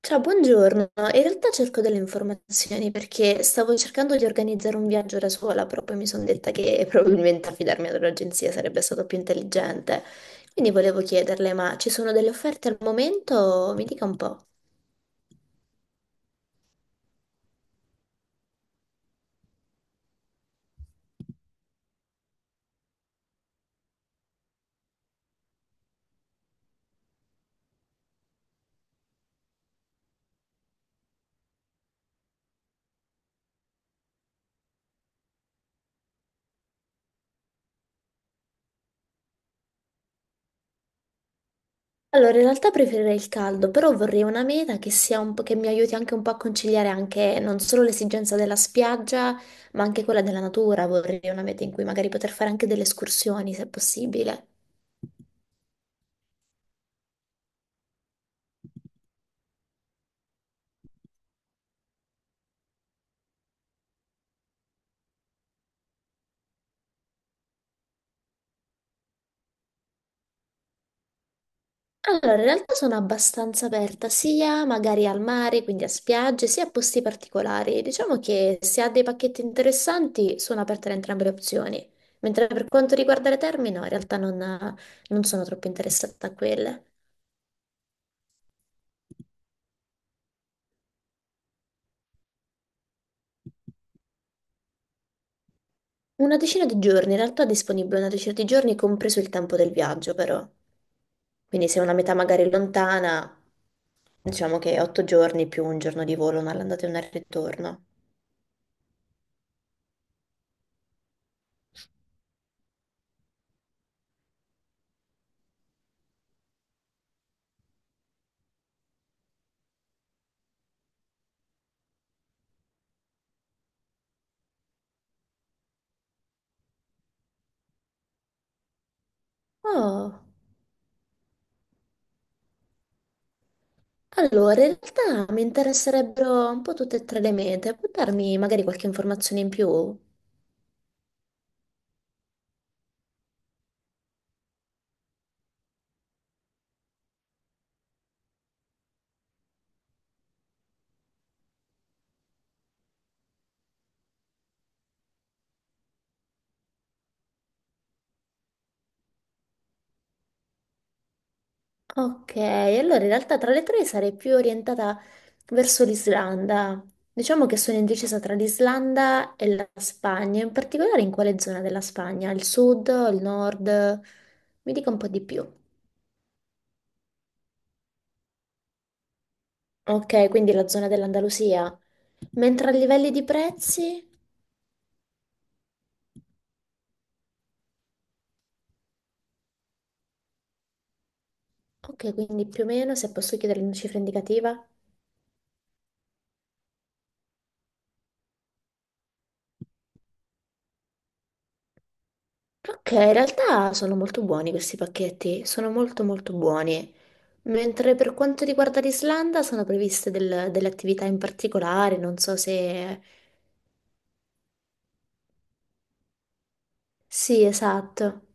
Ciao, buongiorno. In realtà cerco delle informazioni perché stavo cercando di organizzare un viaggio da sola, però poi mi sono detta che probabilmente affidarmi ad un'agenzia sarebbe stato più intelligente. Quindi volevo chiederle, ma ci sono delle offerte al momento? Mi dica un po'. Allora, in realtà preferirei il caldo, però vorrei una meta che sia un po' che mi aiuti anche un po' a conciliare anche non solo l'esigenza della spiaggia, ma anche quella della natura. Vorrei una meta in cui magari poter fare anche delle escursioni, se possibile. Allora, in realtà sono abbastanza aperta sia magari al mare, quindi a spiagge, sia a posti particolari. Diciamo che se ha dei pacchetti interessanti sono aperte ad entrambe le opzioni. Mentre per quanto riguarda le terme, no, in realtà non sono troppo interessata a quelle. Una decina di giorni, in realtà è disponibile una decina di giorni, compreso il tempo del viaggio, però. Quindi se è una metà magari lontana, diciamo che otto giorni più un giorno di volo, una all'andata e una al ritorno. Oh. Allora, in realtà mi interesserebbero un po' tutte e tre le mete, può darmi magari qualche informazione in più? Ok, allora in realtà tra le tre sarei più orientata verso l'Islanda. Diciamo che sono indecisa tra l'Islanda e la Spagna, in particolare in quale zona della Spagna? Il sud, il nord? Mi dica un po' di più. Ok, quindi la zona dell'Andalusia. Mentre a livelli di prezzi? Ok, quindi più o meno, se posso chiedere una cifra indicativa? Ok, in realtà sono molto buoni questi pacchetti, sono molto molto buoni. Mentre per quanto riguarda l'Islanda sono previste delle attività in particolare, non so se... Sì, esatto.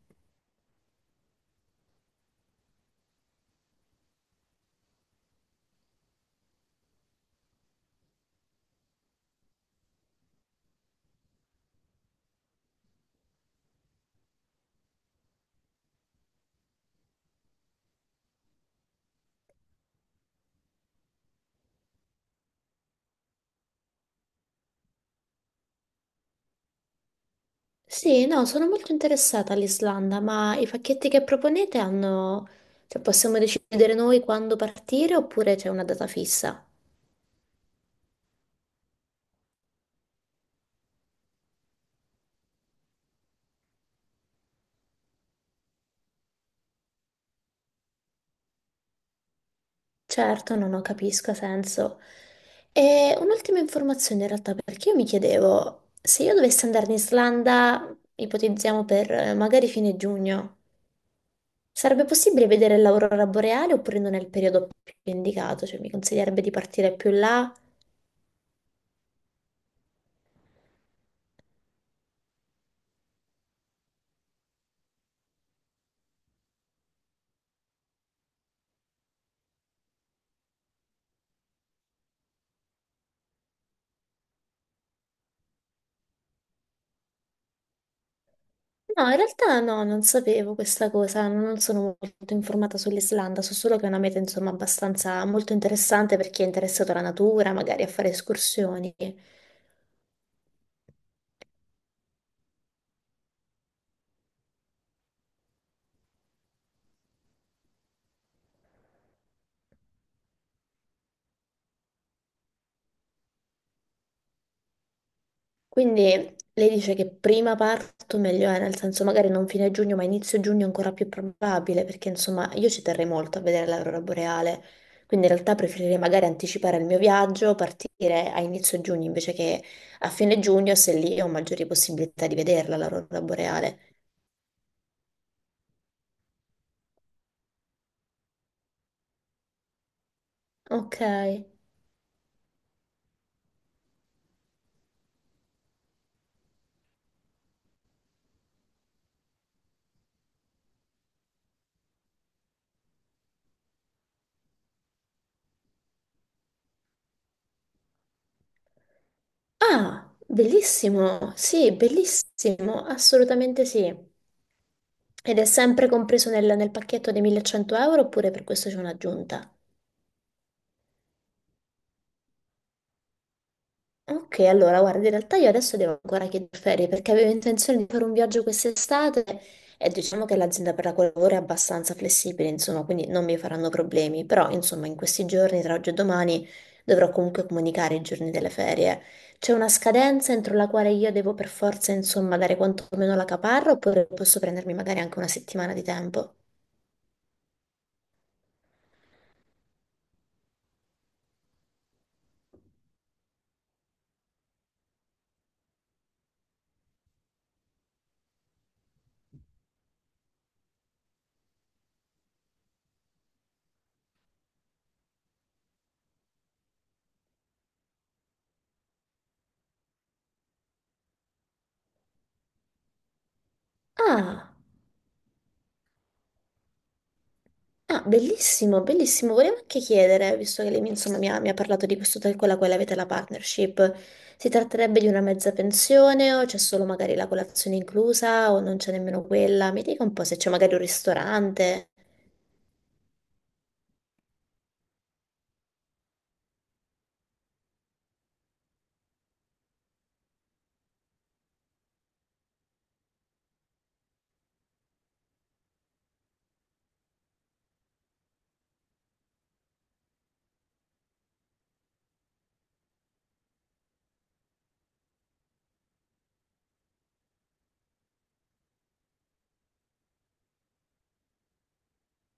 Sì, no, sono molto interessata all'Islanda, ma i pacchetti che proponete hanno... Cioè, possiamo decidere noi quando partire oppure c'è una data fissa? Certo, no, no, capisco, ha senso. E un'ultima informazione in realtà, perché io mi chiedevo, se io dovessi andare in Islanda, ipotizziamo per magari fine giugno, sarebbe possibile vedere l'aurora boreale oppure non è il periodo più indicato? Cioè, mi consiglierebbe di partire più là? No, in realtà no, non sapevo questa cosa, non sono molto informata sull'Islanda, so solo che è una meta, insomma, abbastanza molto interessante per chi è interessato alla natura, magari a fare escursioni. Quindi lei dice che prima parto meglio è, nel senso magari non fine giugno, ma inizio giugno è ancora più probabile, perché insomma io ci terrei molto a vedere l'aurora boreale, quindi in realtà preferirei magari anticipare il mio viaggio, partire a inizio giugno invece che a fine giugno, se lì ho maggiori possibilità di vederla l'aurora boreale. Ok. Ah, bellissimo, sì, bellissimo, assolutamente sì. Ed è sempre compreso nel pacchetto dei 1100 euro oppure per questo c'è un'aggiunta? Ok, allora guarda, in realtà io adesso devo ancora chiedere ferie perché avevo intenzione di fare un viaggio quest'estate e diciamo che l'azienda per la quale lavoro è abbastanza flessibile, insomma, quindi non mi faranno problemi, però insomma in questi giorni, tra oggi e domani, dovrò comunque comunicare i giorni delle ferie. C'è una scadenza entro la quale io devo per forza, insomma, dare quantomeno la caparra oppure posso prendermi magari anche una settimana di tempo? Ah! Ah, bellissimo, bellissimo. Volevo anche chiedere, visto che lei mi, insomma, mi ha parlato di questo hotel con la quale avete la partnership, si tratterebbe di una mezza pensione o c'è solo magari la colazione inclusa o non c'è nemmeno quella? Mi dica un po' se c'è magari un ristorante.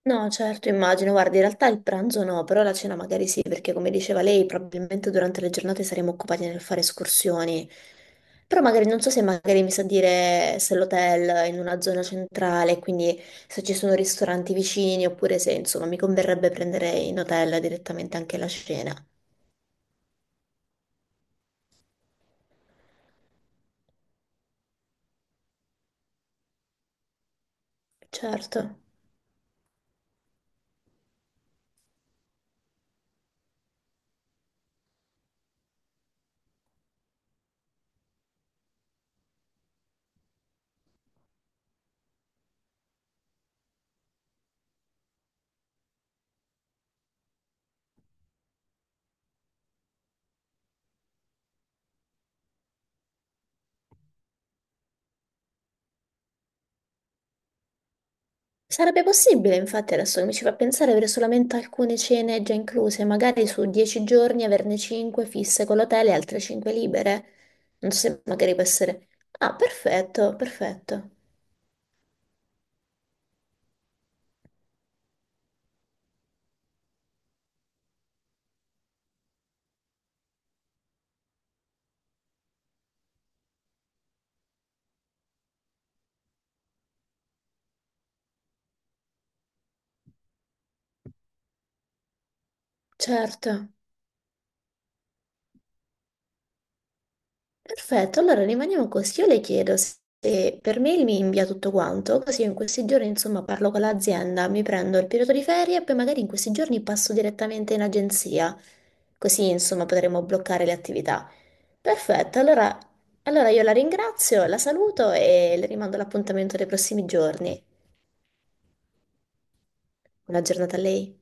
No, certo, immagino. Guarda, in realtà il pranzo no, però la cena magari sì, perché come diceva lei, probabilmente durante le giornate saremo occupati nel fare escursioni. Però magari non so se magari mi sa dire se l'hotel è in una zona centrale, quindi se ci sono ristoranti vicini, oppure se insomma mi converrebbe prendere in hotel direttamente anche la cena. Certo. Sarebbe possibile, infatti, adesso che mi ci fa pensare, avere solamente alcune cene già incluse, magari su 10 giorni averne 5 fisse con l'hotel e altre 5 libere. Non so se magari può essere... Ah, perfetto, perfetto. Certo. Perfetto, allora rimaniamo così. Io le chiedo se per mail mi invia tutto quanto, così io in questi giorni insomma parlo con l'azienda, mi prendo il periodo di ferie e poi magari in questi giorni passo direttamente in agenzia, così insomma potremo bloccare le attività. Perfetto, allora io la ringrazio, la saluto e le rimando l'appuntamento dei prossimi giorni. Buona giornata a lei.